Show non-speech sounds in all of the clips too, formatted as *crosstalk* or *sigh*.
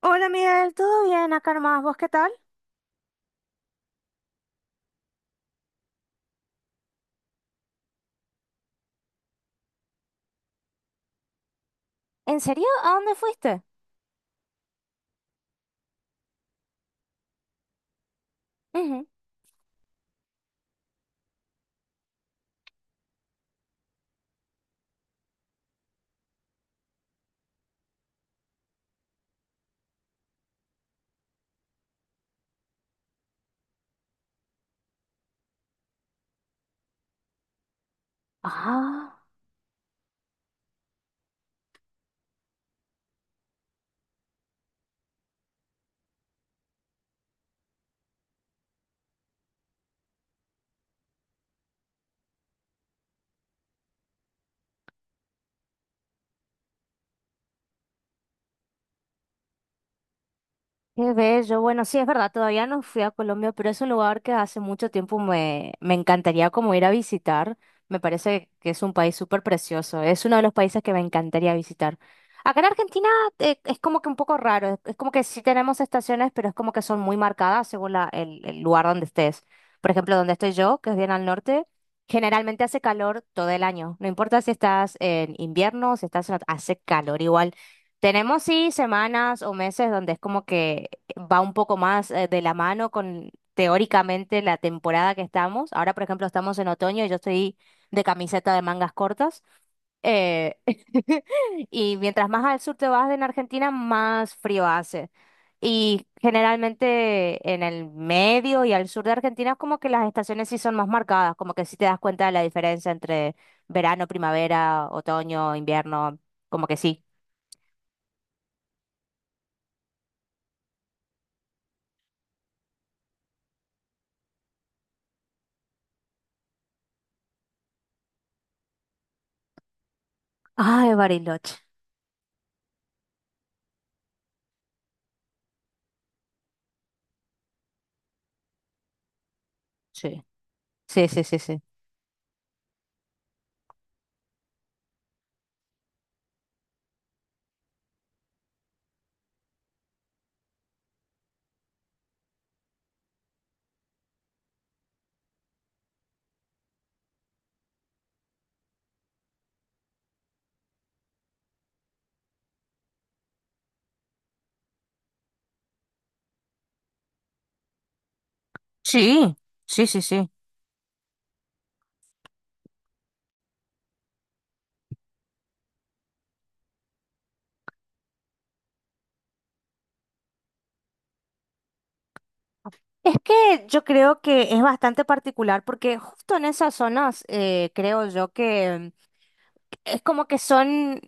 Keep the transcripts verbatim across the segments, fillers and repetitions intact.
Hola Miguel, ¿todo bien acá nomás? ¿Vos qué tal? ¿En serio? ¿A dónde fuiste? Ujú. Ah. Qué bello. Bueno, sí, es verdad, todavía no fui a Colombia, pero es un lugar que hace mucho tiempo me, me encantaría como ir a visitar. Me parece que es un país súper precioso. Es uno de los países que me encantaría visitar. Acá en Argentina eh, es como que un poco raro. Es, es como que sí tenemos estaciones, pero es como que son muy marcadas según la- el, el lugar donde estés. Por ejemplo, donde estoy yo, que es bien al norte, generalmente hace calor todo el año. No importa si estás en invierno, si estás en ot- hace calor igual. Tenemos sí semanas o meses donde es como que va un poco más eh, de la mano con teóricamente la temporada que estamos. Ahora, por ejemplo, estamos en otoño y yo estoy de camiseta de mangas cortas. Eh, *laughs* y mientras más al sur te vas en Argentina, más frío hace. Y generalmente en el medio y al sur de Argentina es como que las estaciones sí son más marcadas, como que sí te das cuenta de la diferencia entre verano, primavera, otoño, invierno, como que sí. Ah, de Bariloche. Sí, sí, sí, sí, sí. Sí, sí, sí, sí. Es que yo creo que es bastante particular porque justo en esas zonas eh, creo yo que mm, es como que son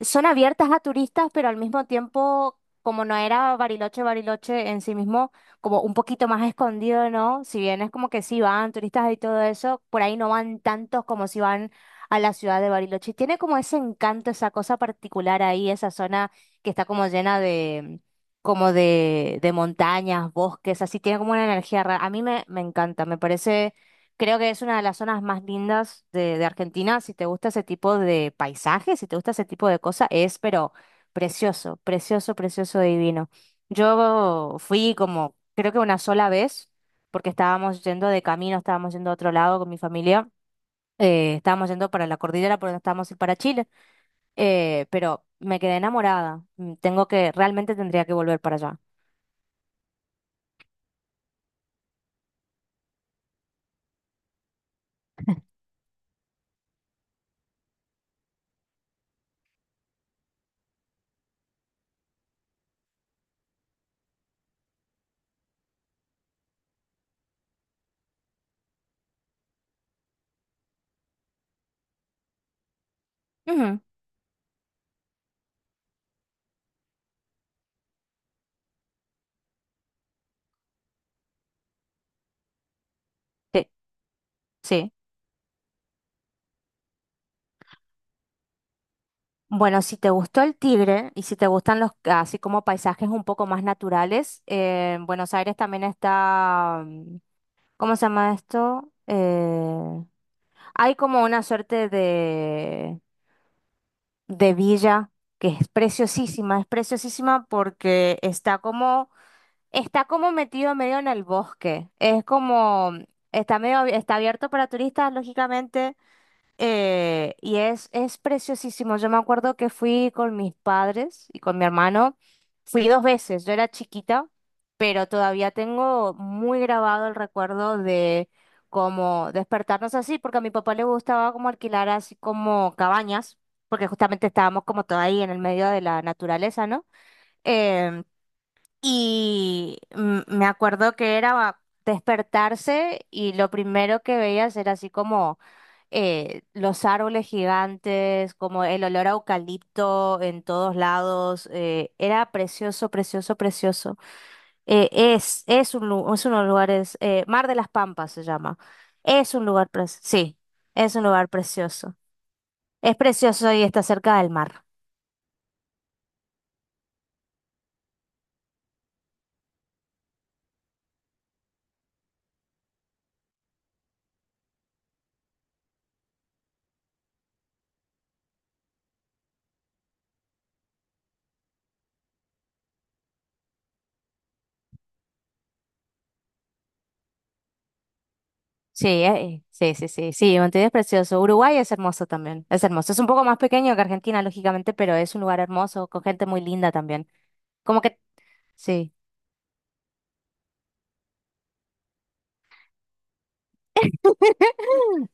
Son abiertas a turistas, pero al mismo tiempo, como no era Bariloche, Bariloche en sí mismo, como un poquito más escondido, ¿no? Si bien es como que sí van turistas y todo eso, por ahí no van tantos como si van a la ciudad de Bariloche. Y Tiene como ese encanto, esa cosa particular ahí, esa zona que está como llena de, como de, de montañas, bosques, así tiene como una energía rara. A mí me, me encanta, me parece. Creo que es una de las zonas más lindas de, de Argentina. Si te gusta ese tipo de paisaje, si te gusta ese tipo de cosas, es pero precioso, precioso, precioso, divino. Yo fui como, creo que una sola vez, porque estábamos yendo de camino, estábamos yendo a otro lado con mi familia, eh, estábamos yendo para la cordillera, porque estábamos ir para Chile, eh, pero me quedé enamorada. Mm, Tengo que, realmente tendría que volver para allá. Ujú, sí, sí. Bueno, si te gustó el Tigre y si te gustan los así como paisajes un poco más naturales, eh, en Buenos Aires también está, mm, ¿cómo se llama esto? Eh, hay como una suerte de, de villa que es preciosísima, es preciosísima porque está como, está como metido medio en el bosque. Es como, está medio, abi- está abierto para turistas, lógicamente eh, y es, es preciosísimo. Yo me acuerdo que fui con mis padres y con mi hermano. Fui dos veces. Yo era chiquita, pero todavía tengo muy grabado el recuerdo de cómo despertarnos así, porque a mi papá le gustaba como alquilar así como cabañas, porque justamente estábamos como todo ahí en el medio de la naturaleza, ¿no? Em, y mm, me acuerdo que era despertarse y lo primero que veías era así como eh, los árboles gigantes, como el olor a eucalipto en todos lados. Eh, era precioso, precioso, precioso. Eh, es, es un, lu- es uno de los lugares, eh, Mar de las Pampas se llama. Es un lugar, pre- sí, es un lugar precioso. Es precioso y está cerca del mar. Sí, eh, sí, sí, sí, sí, Montevideo es precioso. Uruguay es hermoso también, es hermoso. Es un poco más pequeño que Argentina, lógicamente, pero es un lugar hermoso, con gente muy linda también. Como que, sí.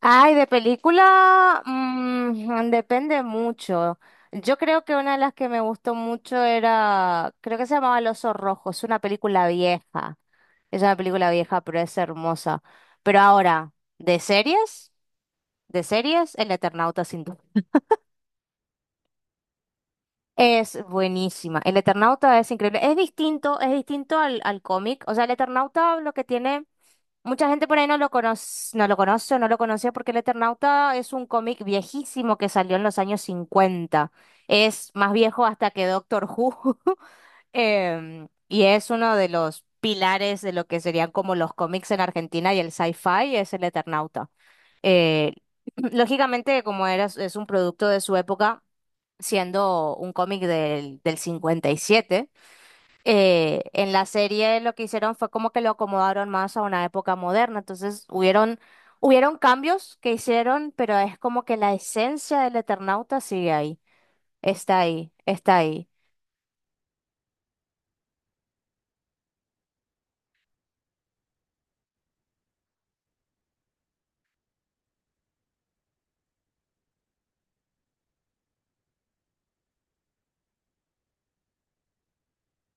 Ay, de película, mm, depende mucho. Yo creo que una de las que me gustó mucho era, creo que se llamaba El Oso Rojo, es una película vieja. Es una película vieja, pero es hermosa. Pero ahora, ¿de series? ¿De series? El Eternauta, sin duda. Es buenísima. El Eternauta es increíble. Es distinto, es distinto al, al cómic. O sea, el Eternauta lo que tiene, mucha gente por ahí no lo conoce, no lo conoce o no lo conocía porque el Eternauta es un cómic viejísimo que salió en los años cincuenta. Es más viejo hasta que Doctor Who. *laughs* Em, y es uno de los pilares de lo que serían como los cómics en Argentina y el sci-fi es el Eternauta. Eh, *clears throat* lógicamente, como era, es un producto de su época siendo un cómic del, del cincuenta y siete. Eh, en la serie lo que hicieron fue como que lo acomodaron más a una época moderna, entonces hubieron, hubieron cambios que hicieron, pero es como que la esencia del Eternauta sigue ahí, está ahí, está ahí.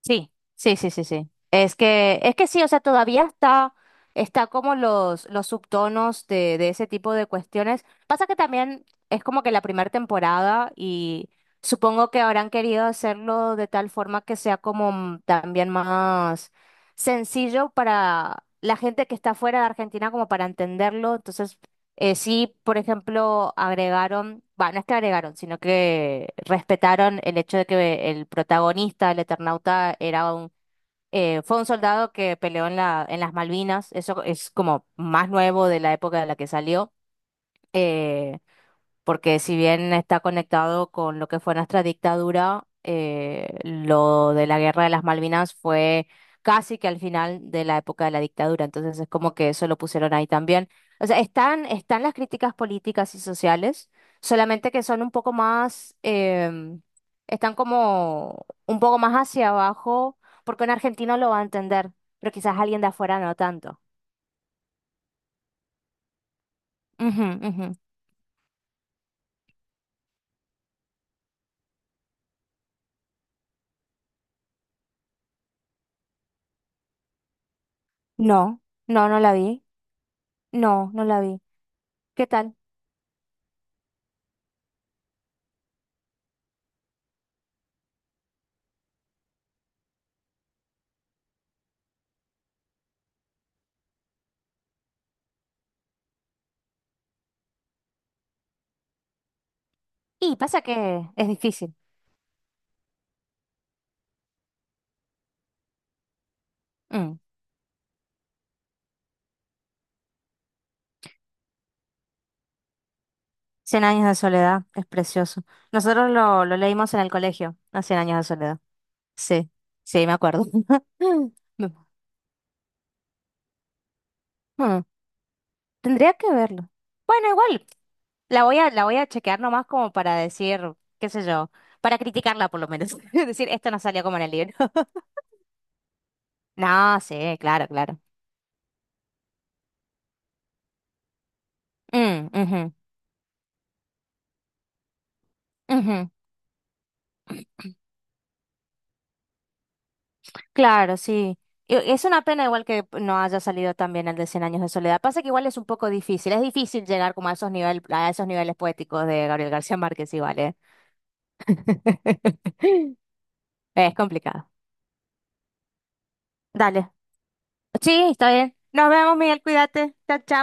Sí, sí, sí, sí, sí. Es que, es que sí, o sea, todavía está, está como los, los subtonos de, de ese tipo de cuestiones. Pasa que también es como que la primera temporada y supongo que habrán querido hacerlo de tal forma que sea como m- también más sencillo para la gente que está fuera de Argentina como para entenderlo. Entonces eh, sí, por ejemplo, agregaron, bueno, no es que agregaron, sino que respetaron el hecho de que el protagonista, el Eternauta, era un, eh, fue un soldado que peleó en la, en las Malvinas. Eso es como más nuevo de la época de la que salió. eh, Porque si bien está conectado con lo que fue nuestra dictadura, eh, lo de la guerra de las Malvinas fue casi que al final de la época de la dictadura, entonces es como que eso lo pusieron ahí también. O sea, están, están las críticas políticas y sociales, solamente que son un poco más, em, están como un poco más hacia abajo, porque un argentino lo va a entender, pero quizás alguien de afuera no tanto. Ujú, ujú. No, no, no la vi. No, no la vi. ¿Qué tal? Y pasa que es difícil. Mm. Cien años de soledad es precioso. Nosotros lo, lo leímos en el colegio, a Cien años de soledad. Sí, sí, me acuerdo. *laughs* Mm, mm. Tendría que verlo. Bueno, igual, la voy a, la voy a chequear nomás como para decir, qué sé yo, para criticarla por lo menos. *laughs* Decir, esto no salió como en el libro. *laughs* No, sí, claro, claro. Mm, ujú, ujú. Claro, sí. Y- Es una pena igual que no haya salido también el de Cien Años de Soledad. Pasa que igual es un poco difícil, es difícil llegar como a esos niveles, a esos niveles poéticos de Gabriel García Márquez igual, ¿eh? *laughs* Es complicado. Dale. Sí, está bien. Nos vemos, Miguel, cuídate. Chao, chao.